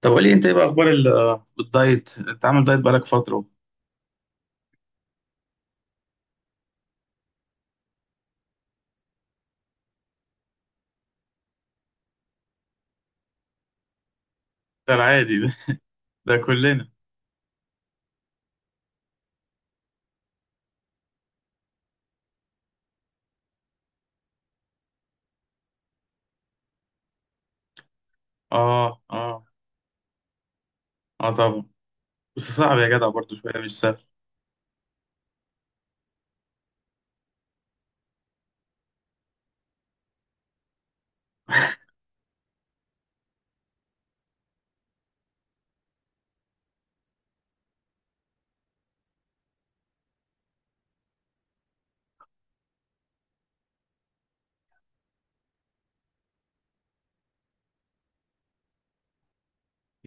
طب قولي انت، ايه بقى اخبار الدايت؟ انت عامل دايت بقالك فتره. ده العادي ده. ده كلنا. اه، اه، اه طبعا. بس صعب يا جدع، برضو شويه مش سهل.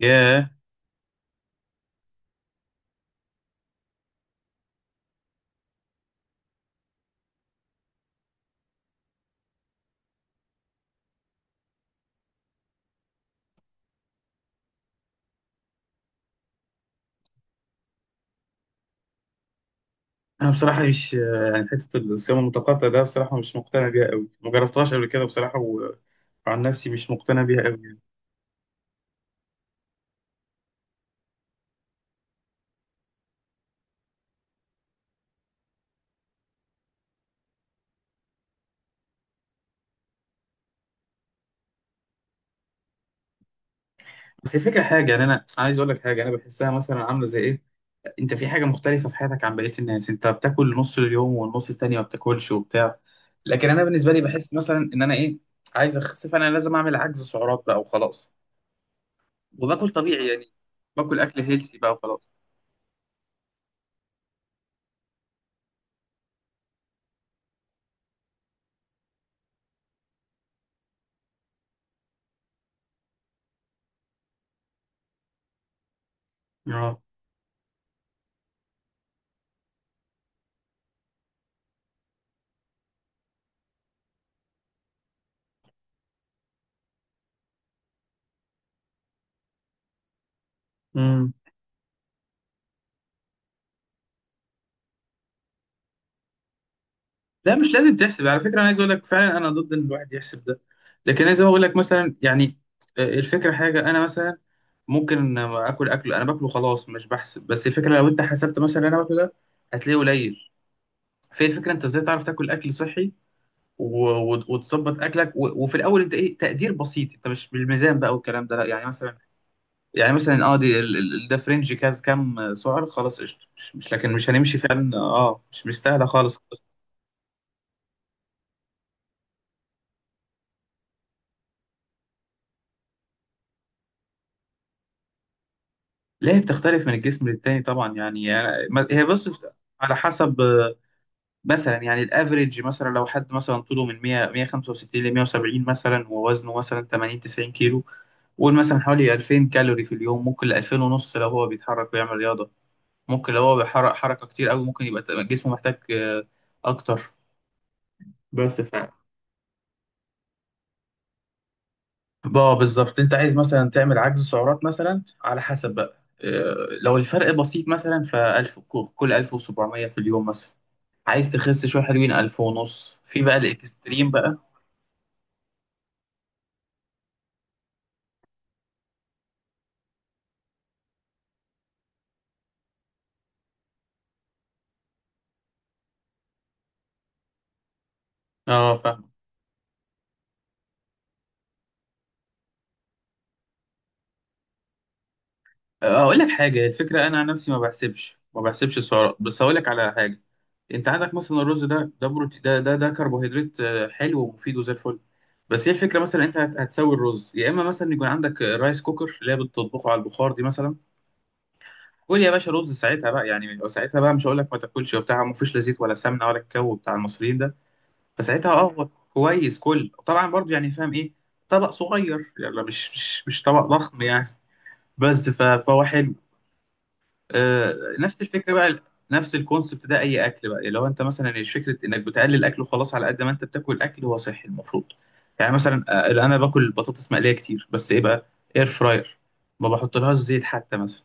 ياه. انا بصراحه مش يعني حته، الصيام المتقطع ده بصراحه مش مقتنع بيها قوي، ما جربتهاش قبل كده بصراحه. وعن نفسي مش مقتنع بيها قوي. بس الفكره حاجه يعني، انا عايز اقول لك حاجه انا بحسها مثلا، عامله زي ايه؟ انت في حاجه مختلفه في حياتك عن بقيه الناس. انت بتاكل نص اليوم والنص التاني ما بتاكلش وبتاع. لكن انا بالنسبه لي بحس مثلا ان انا ايه، عايز اخس، فانا لازم اعمل عجز سعرات بقى وخلاص. وباكل طبيعي يعني، باكل اكل هيلثي بقى وخلاص. اه، لا مش لازم تحسب على فكره، انا عايز اقول لك فعلا انا ضد ان الواحد يحسب ده. لكن عايز اقول لك مثلا يعني، الفكره حاجه انا مثلا ممكن اكل اكل انا باكله خلاص، مش بحسب. بس الفكره لو انت حسبت مثلا اللي انا باكله ده، هتلاقيه قليل. فهي الفكره انت ازاي تعرف تاكل اكل صحي، وتظبط اكلك، وفي الاول انت ايه، تقدير بسيط، انت مش بالميزان بقى والكلام ده، لا يعني مثلا. يعني مثلا، اه دي ده فرنج كاز، كام سعر؟ خلاص قشطه، مش لكن مش هنمشي فعلا، اه مش مستاهله خالص. لا هي بتختلف من الجسم للتاني طبعا يعني هي بص. على حسب مثلا، يعني الافريج مثلا، لو حد مثلا طوله من 100 165 ل 170 مثلا، ووزنه مثلا 80 90 كيلو. قول مثلا حوالي 2000 كالوري في اليوم، ممكن ل 2000 ونص لو هو بيتحرك ويعمل رياضه. ممكن لو هو بيحرق حركه كتير قوي، ممكن يبقى جسمه محتاج اكتر. بس ف اه بالظبط، انت عايز مثلا تعمل عجز سعرات مثلا على حسب بقى، لو الفرق بسيط مثلا، ف 1000 كل 1700 في اليوم مثلا. عايز تخس شويه حلوين، 1000 ونص في بقى الاكستريم بقى. اه فاهم. اقول لك حاجه، الفكره انا عن نفسي ما بحسبش، السعرات. بس هقول لك على حاجه. انت عندك مثلا الرز ده، بروتين، ده كربوهيدرات، حلو ومفيد وزي الفل. بس هي الفكره مثلا انت هتسوي الرز، يا اما مثلا يكون عندك رايس كوكر اللي هي بتطبخه على البخار دي مثلا. قول يا باشا رز ساعتها بقى، يعني ساعتها بقى مش هقول لك ما تاكلش وبتاع. ما فيش لا زيت ولا سمنه ولا الكو بتاع المصريين ده. فساعتها، اه هو كويس، كل طبعا برضو يعني فاهم ايه. طبق صغير يعني، لا مش طبق ضخم يعني. فهو حلو. آه نفس الفكره بقى، نفس الكونسبت ده. اي اكل بقى لو انت مثلا، مش فكره انك بتقلل اكل وخلاص، على قد ما انت بتاكل اكل هو صحي المفروض. يعني مثلا انا باكل بطاطس مقليه كتير، بس ايه بقى؟ اير فراير. ما بحطلهاش زيت حتى مثلا.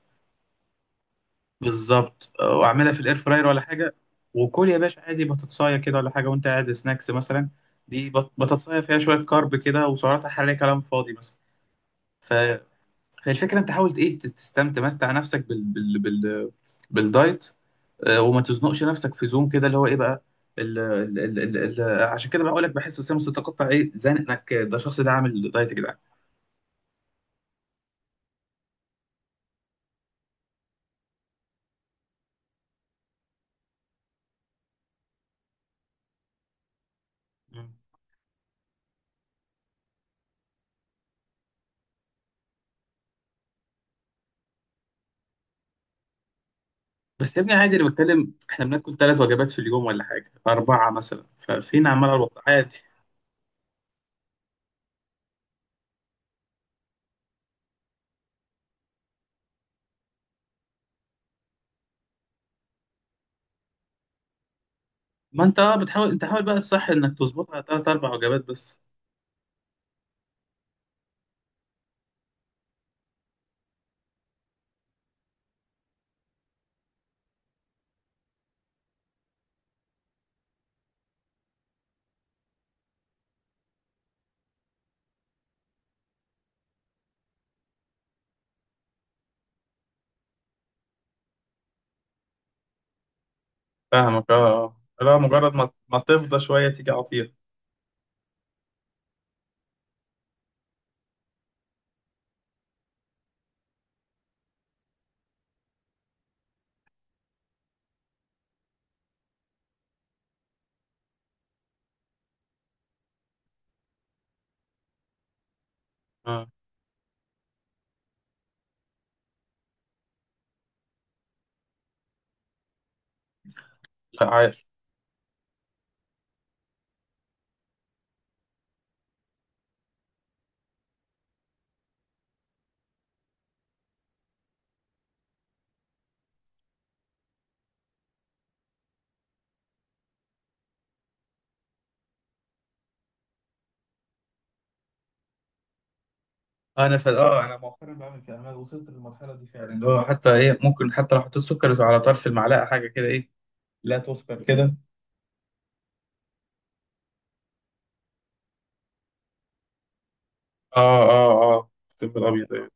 بالظبط. واعملها في الاير فراير ولا حاجه. وكل يا باشا عادي بطاطسايه كده ولا حاجه، وانت قاعد سناكس مثلا. دي بطاطسايه فيها شويه كارب كده، وسعراتها الحراريه كلام فاضي مثلا. ف... فالفكره انت حاول ايه، تت- تستمتع مستع نفسك بالدايت. وما تزنقش نفسك في زوم كده، اللي هو ايه بقى. عشان كده بقول لك بحس السمس تتقطع ايه، زنق انك ده الشخص ده عامل دايت يا جدعان. مم. بس يا ابني عادي، انا بتكلم احنا بناكل ثلاث وجبات في اليوم ولا حاجه اربعه مثلا، ففين عمال على الوقت عادي؟ ما انت اه بتحاول، انت حاول بقى الصح انك تظبطها تلات اربع وجبات بس. فاهمك اه آه. لا مجرد ما تفضى شويه تيجي عطير. اه، لا عارف. انا ف... اه انا مؤخرا بعمل كده، انا وصلت للمرحله دي فعلا، اللي هو حتى ايه، ممكن حتى لو حطيت سكر على طرف المعلقه حاجه كده، ايه. لا تذكر كده. اه، اه، اه الطب الابيض يعني.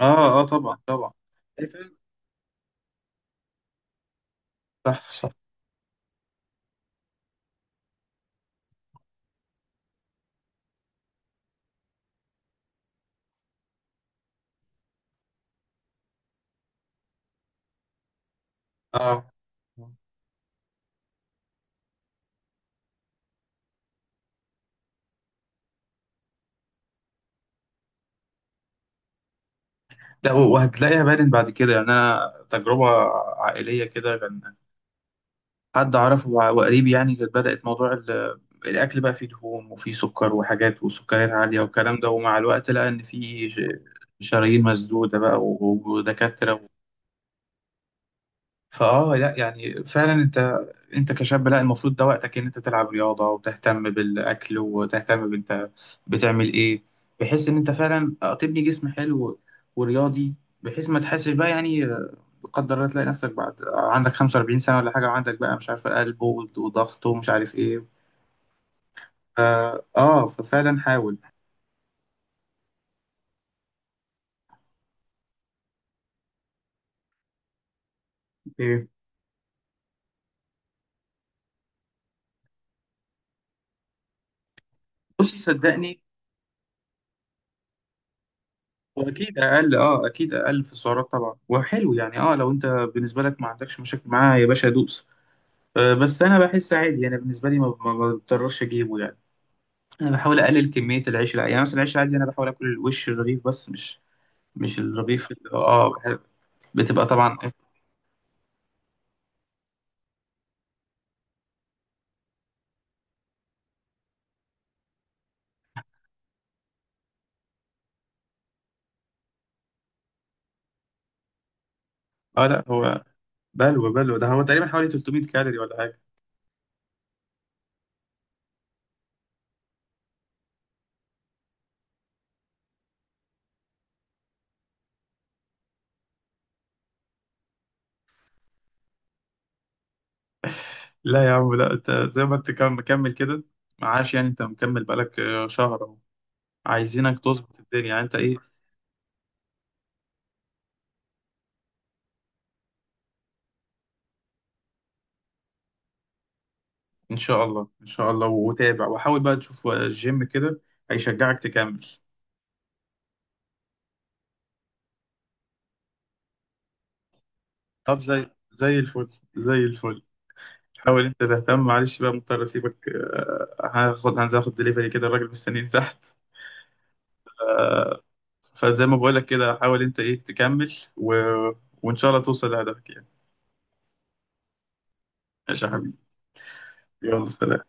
اه، اه طبعا طبعا. إيه فعلا؟ صح صح. اه، لا، وهتلاقيها بارد بعد كده يعني، انا تجربه عائليه كده كان. حد اعرفه وقريب يعني، كانت بدأت موضوع الاكل بقى فيه دهون وفيه سكر وحاجات وسكريات عالية والكلام ده، ومع الوقت لقى ان فيه شرايين مسدودة بقى ودكاترة لا يعني فعلا انت كشاب، لا المفروض ده وقتك ان انت تلعب رياضة وتهتم بالاكل وتهتم بانت بتعمل ايه. بحيث ان انت فعلا تبني جسم حلو ورياضي، بحيث ما تحسش بقى يعني. قدر الله تلاقي نفسك بعد عندك 45 سنة ولا حاجة، وعندك بقى مش عارف قلب وضغط ومش عارف ايه. ففعلا حاول ايه. بصي، صدقني. واكيد اقل. اه اكيد اقل في السعرات طبعا، وحلو يعني، اه لو انت بالنسبة لك ما عندكش مشاكل معاه يا باشا دوس. آه بس انا بحس عادي، انا بالنسبة لي ما بضطرش اجيبه يعني. انا بحاول اقلل كمية العيش العادي، يعني مثلا العيش العادي انا بحاول اكل الوش الرغيف، بس مش الرغيف بتبقى طبعا إيه. اه لا هو، بلوى بلوى ده، هو تقريبا حوالي 300 كالوري ولا حاجة. لا يا عم، لا انت زي ما انت مكمل كده. معاش يعني، انت مكمل بقالك شهر اهو. عايزينك تظبط الدنيا يعني انت ايه. ان شاء الله، ان شاء الله. وتابع وحاول بقى، تشوف الجيم كده هيشجعك تكمل. طب، زي الفل، زي الفل. حاول انت تهتم. معلش بقى مضطر اسيبك، هاخد هنزل اخد دليفري كده، الراجل مستنيني تحت. فزي ما بقولك كده، حاول انت ايه تكمل، وان شاء الله توصل لهدفك يعني. ماشي يا حبيبي. يلا سلام.